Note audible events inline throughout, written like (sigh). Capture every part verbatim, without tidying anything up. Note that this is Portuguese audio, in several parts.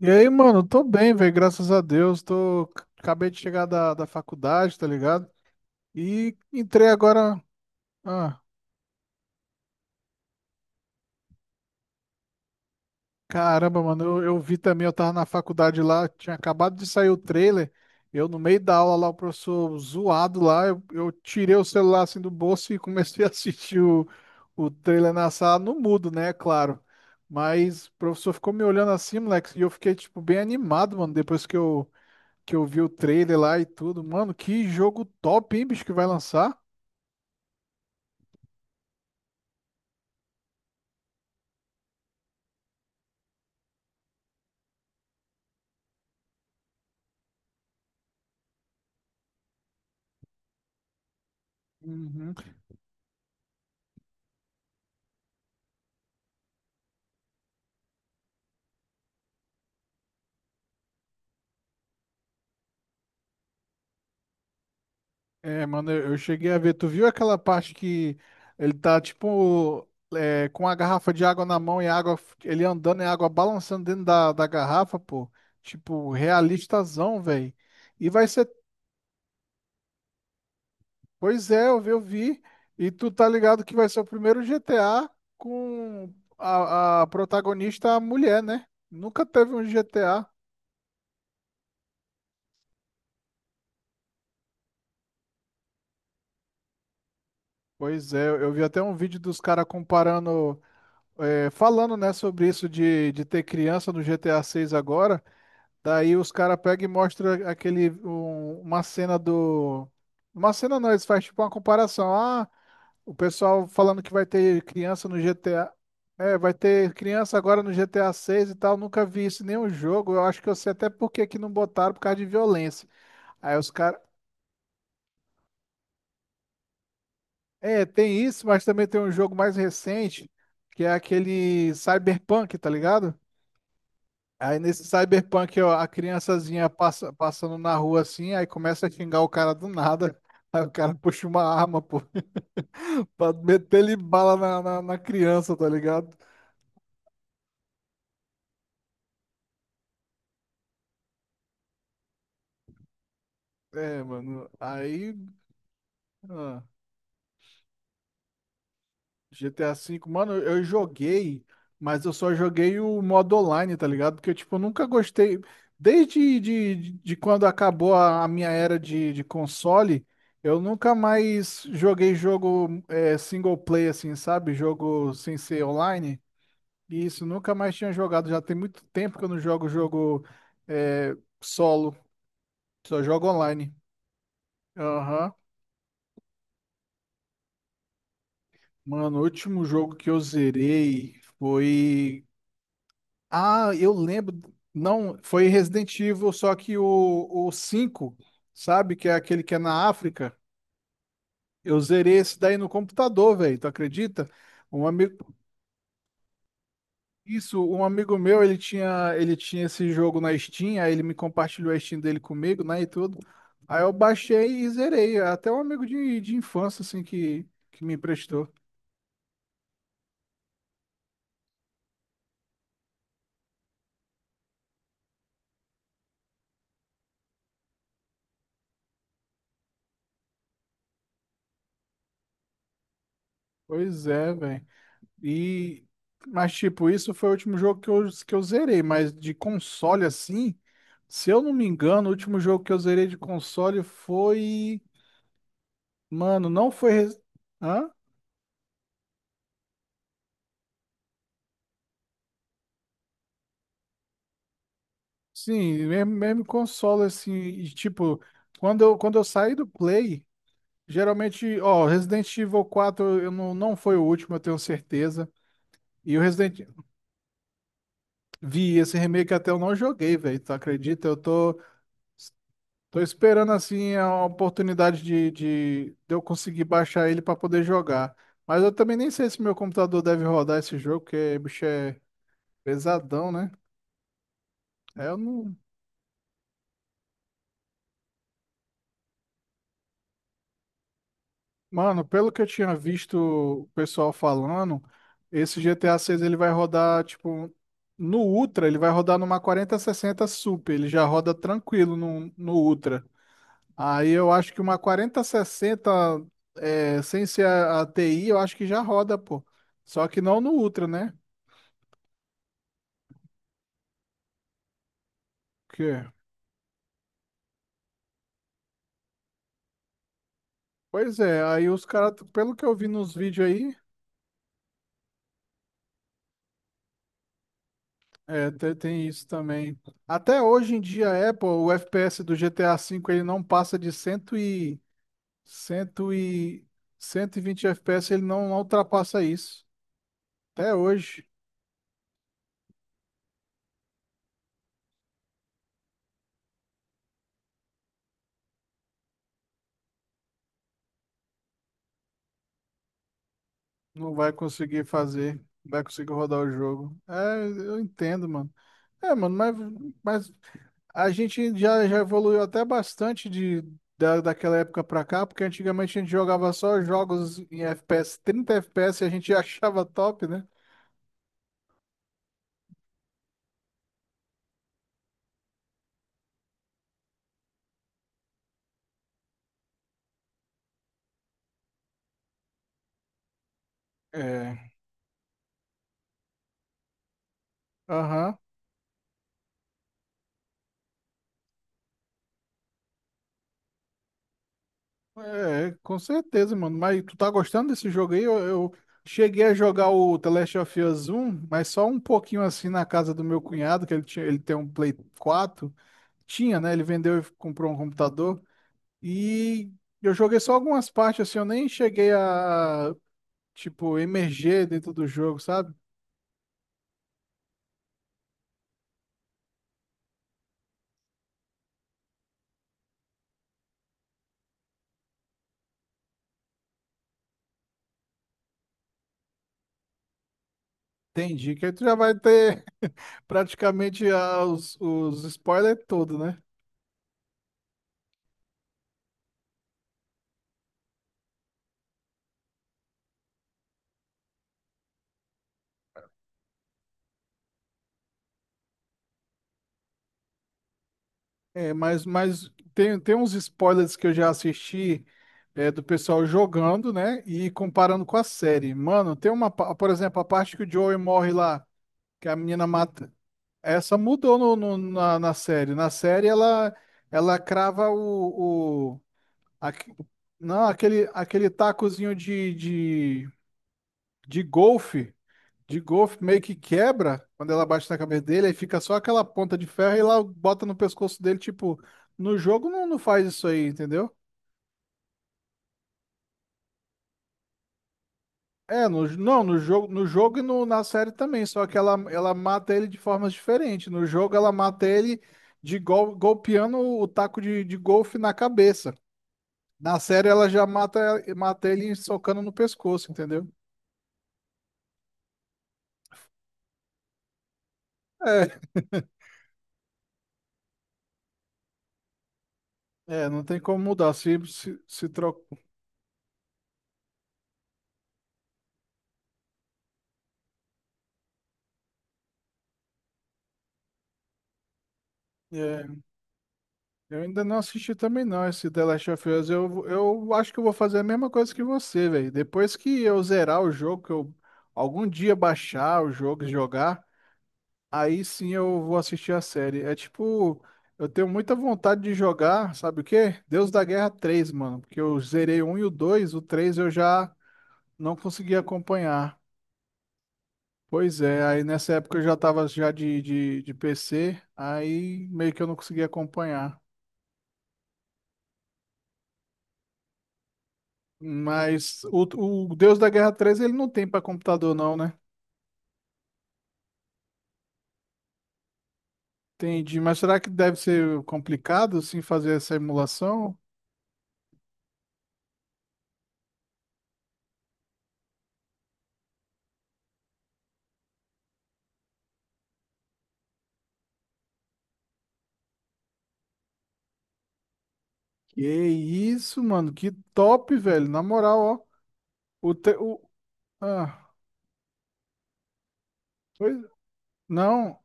E aí, mano, tô bem, velho, graças a Deus. Tô... Acabei de chegar da, da faculdade, tá ligado? E entrei agora. Ah, caramba, mano, eu, eu vi também, eu tava na faculdade lá, tinha acabado de sair o trailer. Eu, no meio da aula lá, o professor zoado lá, eu, eu tirei o celular assim do bolso e comecei (laughs) a assistir o, o trailer na sala, no mudo, né, claro. Mas o professor ficou me olhando assim, moleque, e eu fiquei, tipo, bem animado, mano, depois que eu. que eu vi o trailer lá e tudo. Mano, que jogo top, hein, bicho, que vai lançar? Uhum. É, mano, eu eu cheguei a ver. Tu viu aquela parte que ele tá, tipo, é, com a garrafa de água na mão e a água, f- ele andando e a água balançando dentro da, da garrafa, pô. Tipo, realistazão, velho. E vai ser Pois é, eu vi, eu vi. E tu tá ligado que vai ser o primeiro G T A com a, a protagonista mulher, né? Nunca teve um G T A. Pois é, eu vi até um vídeo dos caras comparando, é, falando, né, sobre isso de, de ter criança no G T A seis agora. Daí os caras pegam e mostram aquele, um- uma cena do... Uma cena não, eles fazem tipo uma comparação. Ah, o pessoal falando que vai ter criança no G T A. É, vai ter criança agora no G T A seis e tal. Nunca vi isso em nenhum jogo. Eu acho que eu sei até por que que não botaram por causa de violência. Aí os caras. É, tem isso, mas também tem um jogo mais recente, que é aquele Cyberpunk, tá ligado? Aí nesse Cyberpunk, ó, a criançazinha passa, passando na rua assim, aí começa a xingar o cara do nada. (laughs) Aí o cara puxa uma arma, pô, (laughs) pra meter ele bala na, na na criança, tá ligado? É, mano, aí Ah, G T A vê, mano, eu joguei, mas eu só joguei o modo online, tá ligado? Porque, tipo, eu nunca gostei. Desde de, de quando acabou a, a minha era de, de console, eu nunca mais joguei jogo é, single play, assim, sabe? Jogo sem ser online. E isso, nunca mais tinha jogado. Já tem muito tempo que eu não jogo jogo é, solo, só jogo online. Aham. Mano, o último jogo que eu zerei foi. Ah, eu lembro. Não, foi Resident Evil, só que o, o cinco, sabe? Que é aquele que é na África. Eu zerei esse daí no computador, velho. Tu acredita? Um amigo, isso, um amigo meu, ele tinha, ele tinha esse jogo na Steam, aí ele me compartilhou a Steam dele comigo, né, e tudo. Aí eu baixei e zerei. Até um amigo de, de infância, assim, que, que me emprestou. Pois é, velho. E, mas tipo, isso foi o último jogo que eu, que eu zerei, mas de console assim, se eu não me engano, o último jogo que eu zerei de console foi, mano, não foi, Res- hã? Sim, mesmo, mesmo console assim, e tipo, quando eu, quando eu saí do Play, geralmente, ó, Resident Evil quatro eu não, não foi o último, eu tenho certeza. E o Resident Vi esse remake até eu não joguei, velho, tu acredita? Eu tô Tô esperando assim a oportunidade de, de, de eu conseguir baixar ele para poder jogar. Mas eu também nem sei se meu computador deve rodar esse jogo, porque bicho é pesadão, né? É, eu não... Mano, pelo que eu tinha visto o pessoal falando, esse G T A seis ele vai rodar tipo no Ultra, ele vai rodar numa quarenta sessenta Super, ele já roda tranquilo no, no Ultra. Aí eu acho que uma quarenta sessenta, é, sem ser a, a T I, eu acho que já roda, pô. Só que não no Ultra, né? Que... Pois é, aí os caras, pelo que eu vi nos vídeos aí, é, te- tem, isso também. Até hoje em dia, a Apple, o F P S do G T A cinco, ele não passa de cem e, cem e, cento e vinte F P S, ele não, não ultrapassa isso. Até hoje. Não vai conseguir fazer, não vai conseguir rodar o jogo. É, eu entendo, mano. É, mano, mas, mas a gente já, já evoluiu até bastante de, da, daquela época pra cá, porque antigamente a gente jogava só jogos em F P S, trinta F P S e a gente (laughs) achava top, né? É, aham. É, com certeza, mano. Mas tu tá gostando desse jogo aí? Eu, eu cheguei a jogar o The Last of Us um mas só um pouquinho assim na casa do meu cunhado, que ele tinha, ele tem um Play quatro. Tinha, né? Ele vendeu e comprou um computador. E eu joguei só algumas partes, assim, eu nem cheguei a, tipo, emerger dentro do jogo, sabe? Entendi. Que aí tu já vai ter (laughs) praticamente ah, os, os spoilers todos, né? É, mas, mas tem, tem uns spoilers que eu já assisti é, do pessoal jogando, né? E comparando com a série. Mano, tem uma, pa- por exemplo, a parte que o Joey morre lá, que a menina mata. Essa mudou no, no- na, na série. Na série ela ela crava o, o aque- não aquele aquele tacozinho de, de, de golfe de golfe meio que quebra quando ela bate na cabeça dele, aí fica só aquela ponta de ferro e lá bota no pescoço dele, tipo, no jogo não, não faz isso aí, entendeu? É no, não no jogo no jogo e no, na série também, só que ela ela mata ele de formas diferentes. No jogo ela mata ele de gol, golpeando o taco de, de golfe na cabeça. Na série ela já mata, mata ele socando no pescoço, entendeu? É, é, não tem como mudar. Se, se, se tro... É, eu ainda não assisti também não esse The Last of Us. Eu, eu acho que eu vou fazer a mesma coisa que você, velho. Depois que eu zerar o jogo, que eu algum dia baixar o jogo e jogar, aí sim eu vou assistir a série. É tipo, eu tenho muita vontade de jogar, sabe o quê? Deus da Guerra três, mano. Porque eu zerei o um e o dois, o três eu já não consegui acompanhar. Pois é, aí nessa época eu já tava já de, de, de P C, aí meio que eu não conseguia acompanhar. Mas o, o Deus da Guerra três ele não tem para computador não, né? Entendi, mas será que deve ser complicado sim fazer essa emulação? Que isso, mano, que top, velho, na moral, ó. O, te- o... Ah, pois não,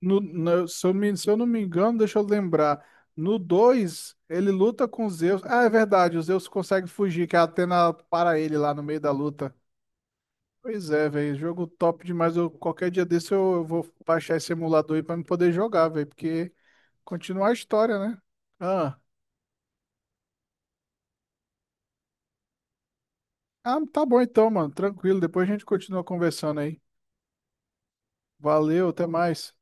no- no- se eu me- se eu não me engano, deixa eu lembrar. No dois ele luta com Zeus. Ah, é verdade, o Zeus consegue fugir, que a Atena para ele lá no meio da luta. Pois é, velho, jogo top demais. Eu, qualquer dia desse eu, eu vou baixar esse emulador aí pra me poder jogar, velho, porque continua a história, né? Ah. Ah, tá bom então, mano, tranquilo. Depois a gente continua conversando aí. Valeu, até mais.